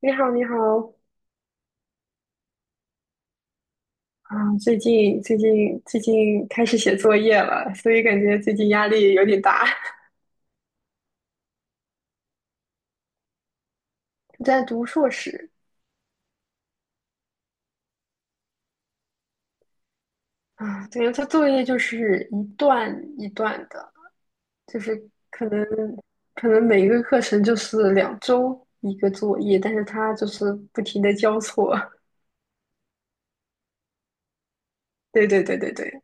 你好，你好。啊，最近开始写作业了，所以感觉最近压力有点大。在读硕士。啊，对，他作业就是一段一段的，就是可能可能每一个课程就是2周一个作业，但是他就是不停的交错。对对对对对，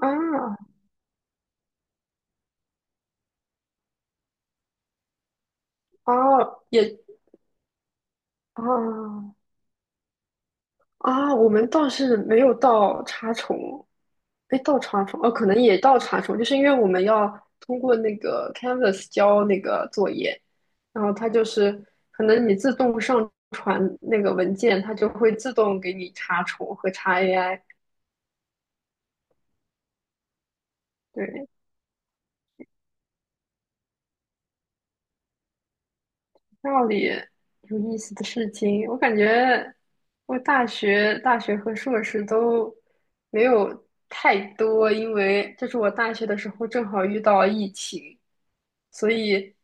啊哦，也啊。啊，我们倒是没有到查重，哎，到查重哦，可能也到查重，就是因为我们要通过那个 Canvas 交那个作业，然后它就是可能你自动上传那个文件，它就会自动给你查重和查 AI。对，道理有意思的事情，我感觉我大学和硕士都没有太多，因为就是我大学的时候正好遇到疫情，所以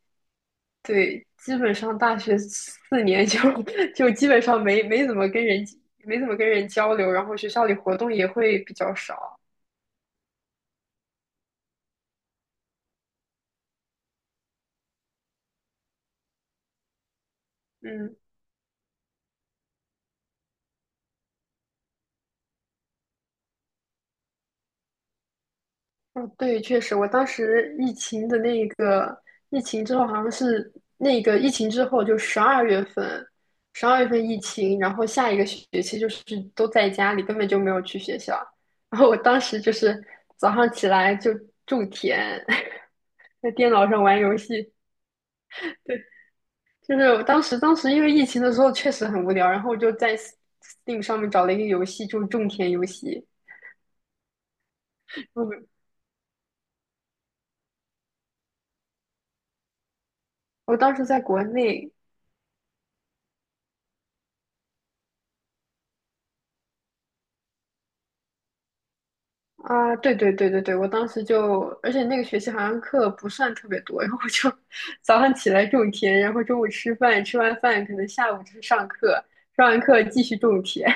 对，基本上大学4年就 就基本上没怎么跟人交流，然后学校里活动也会比较少。嗯，哦，对，确实，我当时疫情的那个疫情之后，好像是那个疫情之后，就十二月份，十二月份疫情，然后下一个学期就是都在家里，根本就没有去学校。然后我当时就是早上起来就种田，在电脑上玩游戏。对，就是我当时因为疫情的时候确实很无聊，然后我就在 Steam 上面找了一个游戏，就是种田游戏。我我当时在国内。啊，对对对对对，我当时就，而且那个学期好像课不算特别多，然后我就 早上起来种田，然后中午吃饭，吃完饭可能下午就是上课，上完课继续种田。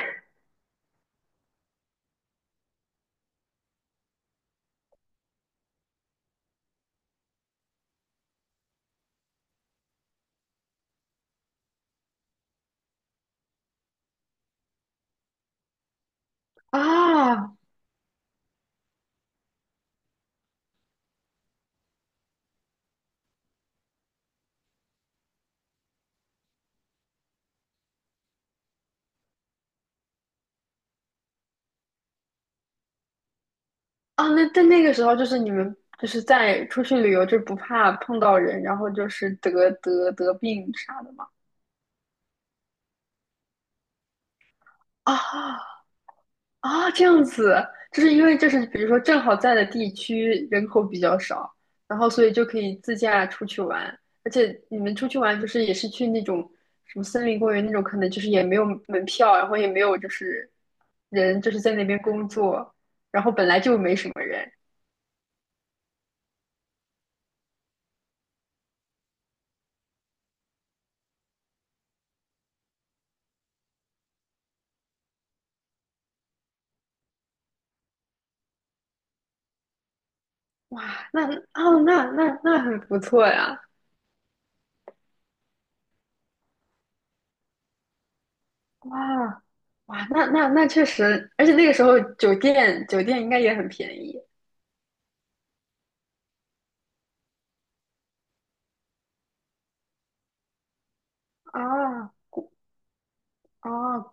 啊啊，那在那个时候就是你们就是在出去旅游就不怕碰到人，然后就是得病啥的吗？啊啊，这样子。就是因为这是比如说正好在的地区人口比较少，然后所以就可以自驾出去玩，而且你们出去玩就是也是去那种什么森林公园那种，可能就是也没有门票，然后也没有就是人就是在那边工作，然后本来就没什么人。哇，那哦那很不错呀。哇哇那确实，而且那个时候酒店应该也很便宜。啊哦，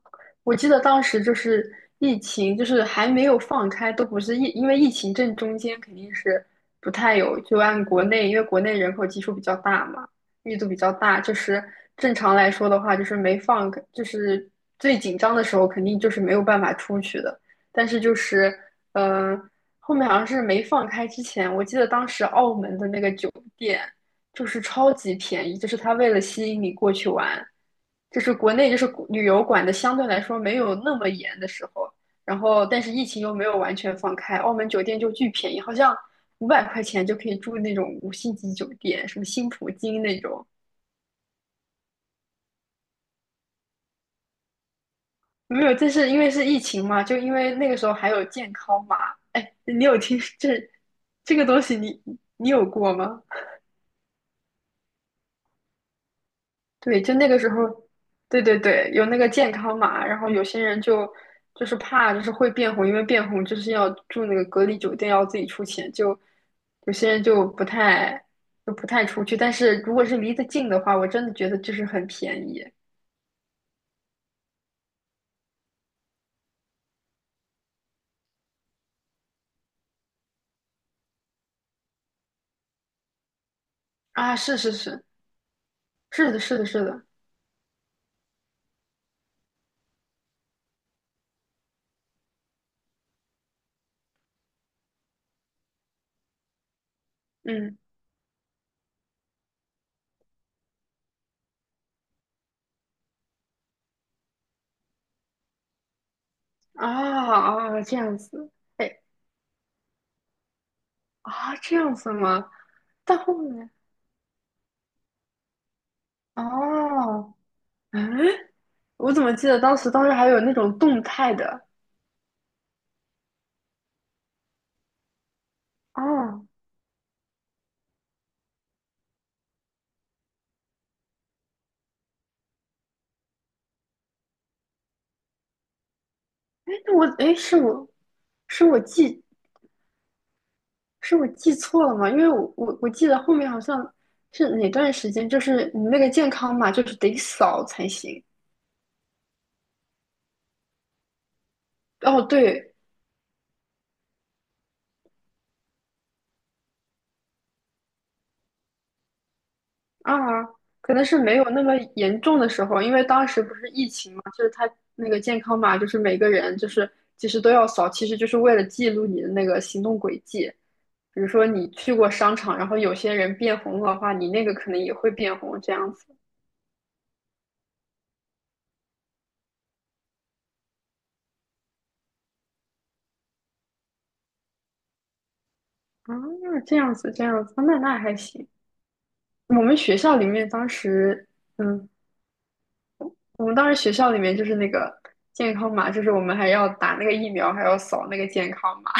我记得当时就是疫情，就是还没有放开，都不是疫，因为疫情正中间肯定是不太有，就按国内，因为国内人口基数比较大嘛，密度比较大，就是正常来说的话，就是没放开就是最紧张的时候肯定就是没有办法出去的，但是就是，呃，后面好像是没放开之前，我记得当时澳门的那个酒店。就是超级便宜，就是他为了吸引你过去玩，就是国内就是旅游管的相对来说没有那么严的时候，然后但是疫情又没有完全放开，澳门酒店就巨便宜，好像500块钱就可以住那种五星级酒店，什么新葡京那种。没有，这是因为是疫情嘛，就因为那个时候还有健康码。哎，你有听这个东西你有过吗？对，就那个时候，对对对，有那个健康码，然后有些人就是怕就是会变红，因为变红就是要住那个隔离酒店，要自己出钱，就有些人就不太出去。但是如果是离得近的话，我真的觉得就是很便宜。啊！是是是，是的，是的，是的，嗯啊啊，这样子，哎啊，这样子吗？到后面哦，嗯，我怎么记得当时还有那种动态的哦。哎，是我是我记是我记错了吗？因为我记得后面好像是哪段时间，就是你那个健康码就是得扫才行。哦，对啊，可能是没有那么严重的时候，因为当时不是疫情嘛，那个健康码就是每个人就是其实都要扫，其实就是为了记录你的那个行动轨迹。比如说你去过商场，然后有些人变红的话，你那个可能也会变红这样子。啊，这样子，那还行。我们学校里面当时，嗯，我们当时学校里面就是那个健康码，就是我们还要打那个疫苗，还要扫那个健康码。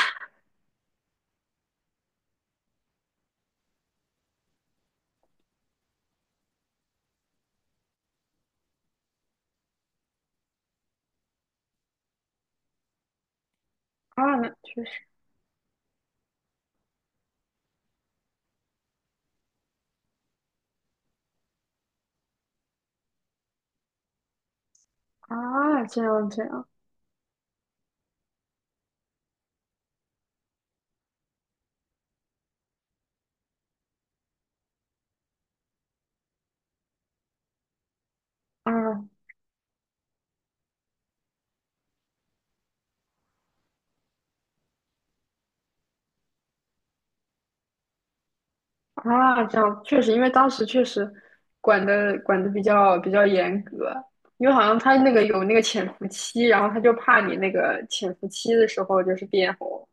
啊，那确实。啊，这样。啊啊，这样确实，因为当时确实管的比较严格，因为好像他那个有那个潜伏期，然后他就怕你那个潜伏期的时候就是变红。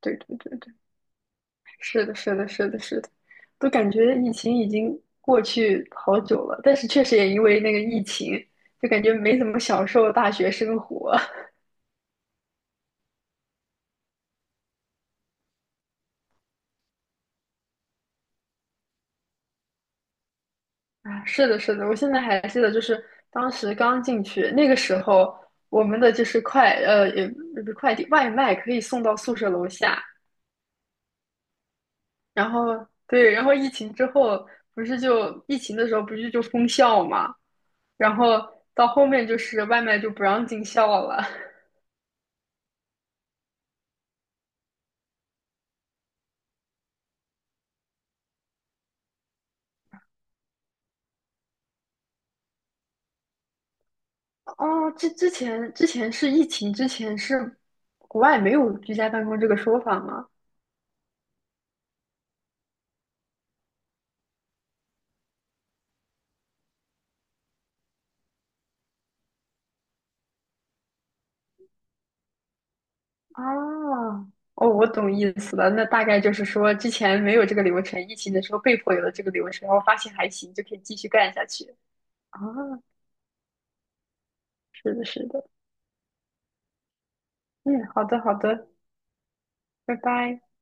对对对。是的，是的，是的，是的，都感觉疫情已经过去好久了，但是确实也因为那个疫情，就感觉没怎么享受大学生活。 啊。是的，是的，我现在还记得，就是当时刚进去那个时候，我们的就是也不是快递，外卖可以送到宿舍楼下。然后对，然后疫情之后不是就疫情的时候不是就封校嘛，然后到后面就是外卖就不让进校了。哦，之前是疫情之前是国外没有居家办公这个说法吗？啊，哦，我懂意思了。那大概就是说，之前没有这个流程，疫情的时候被迫有了这个流程，然后发现还行，就可以继续干下去。啊，是的，是的。嗯，好的，好的，拜拜。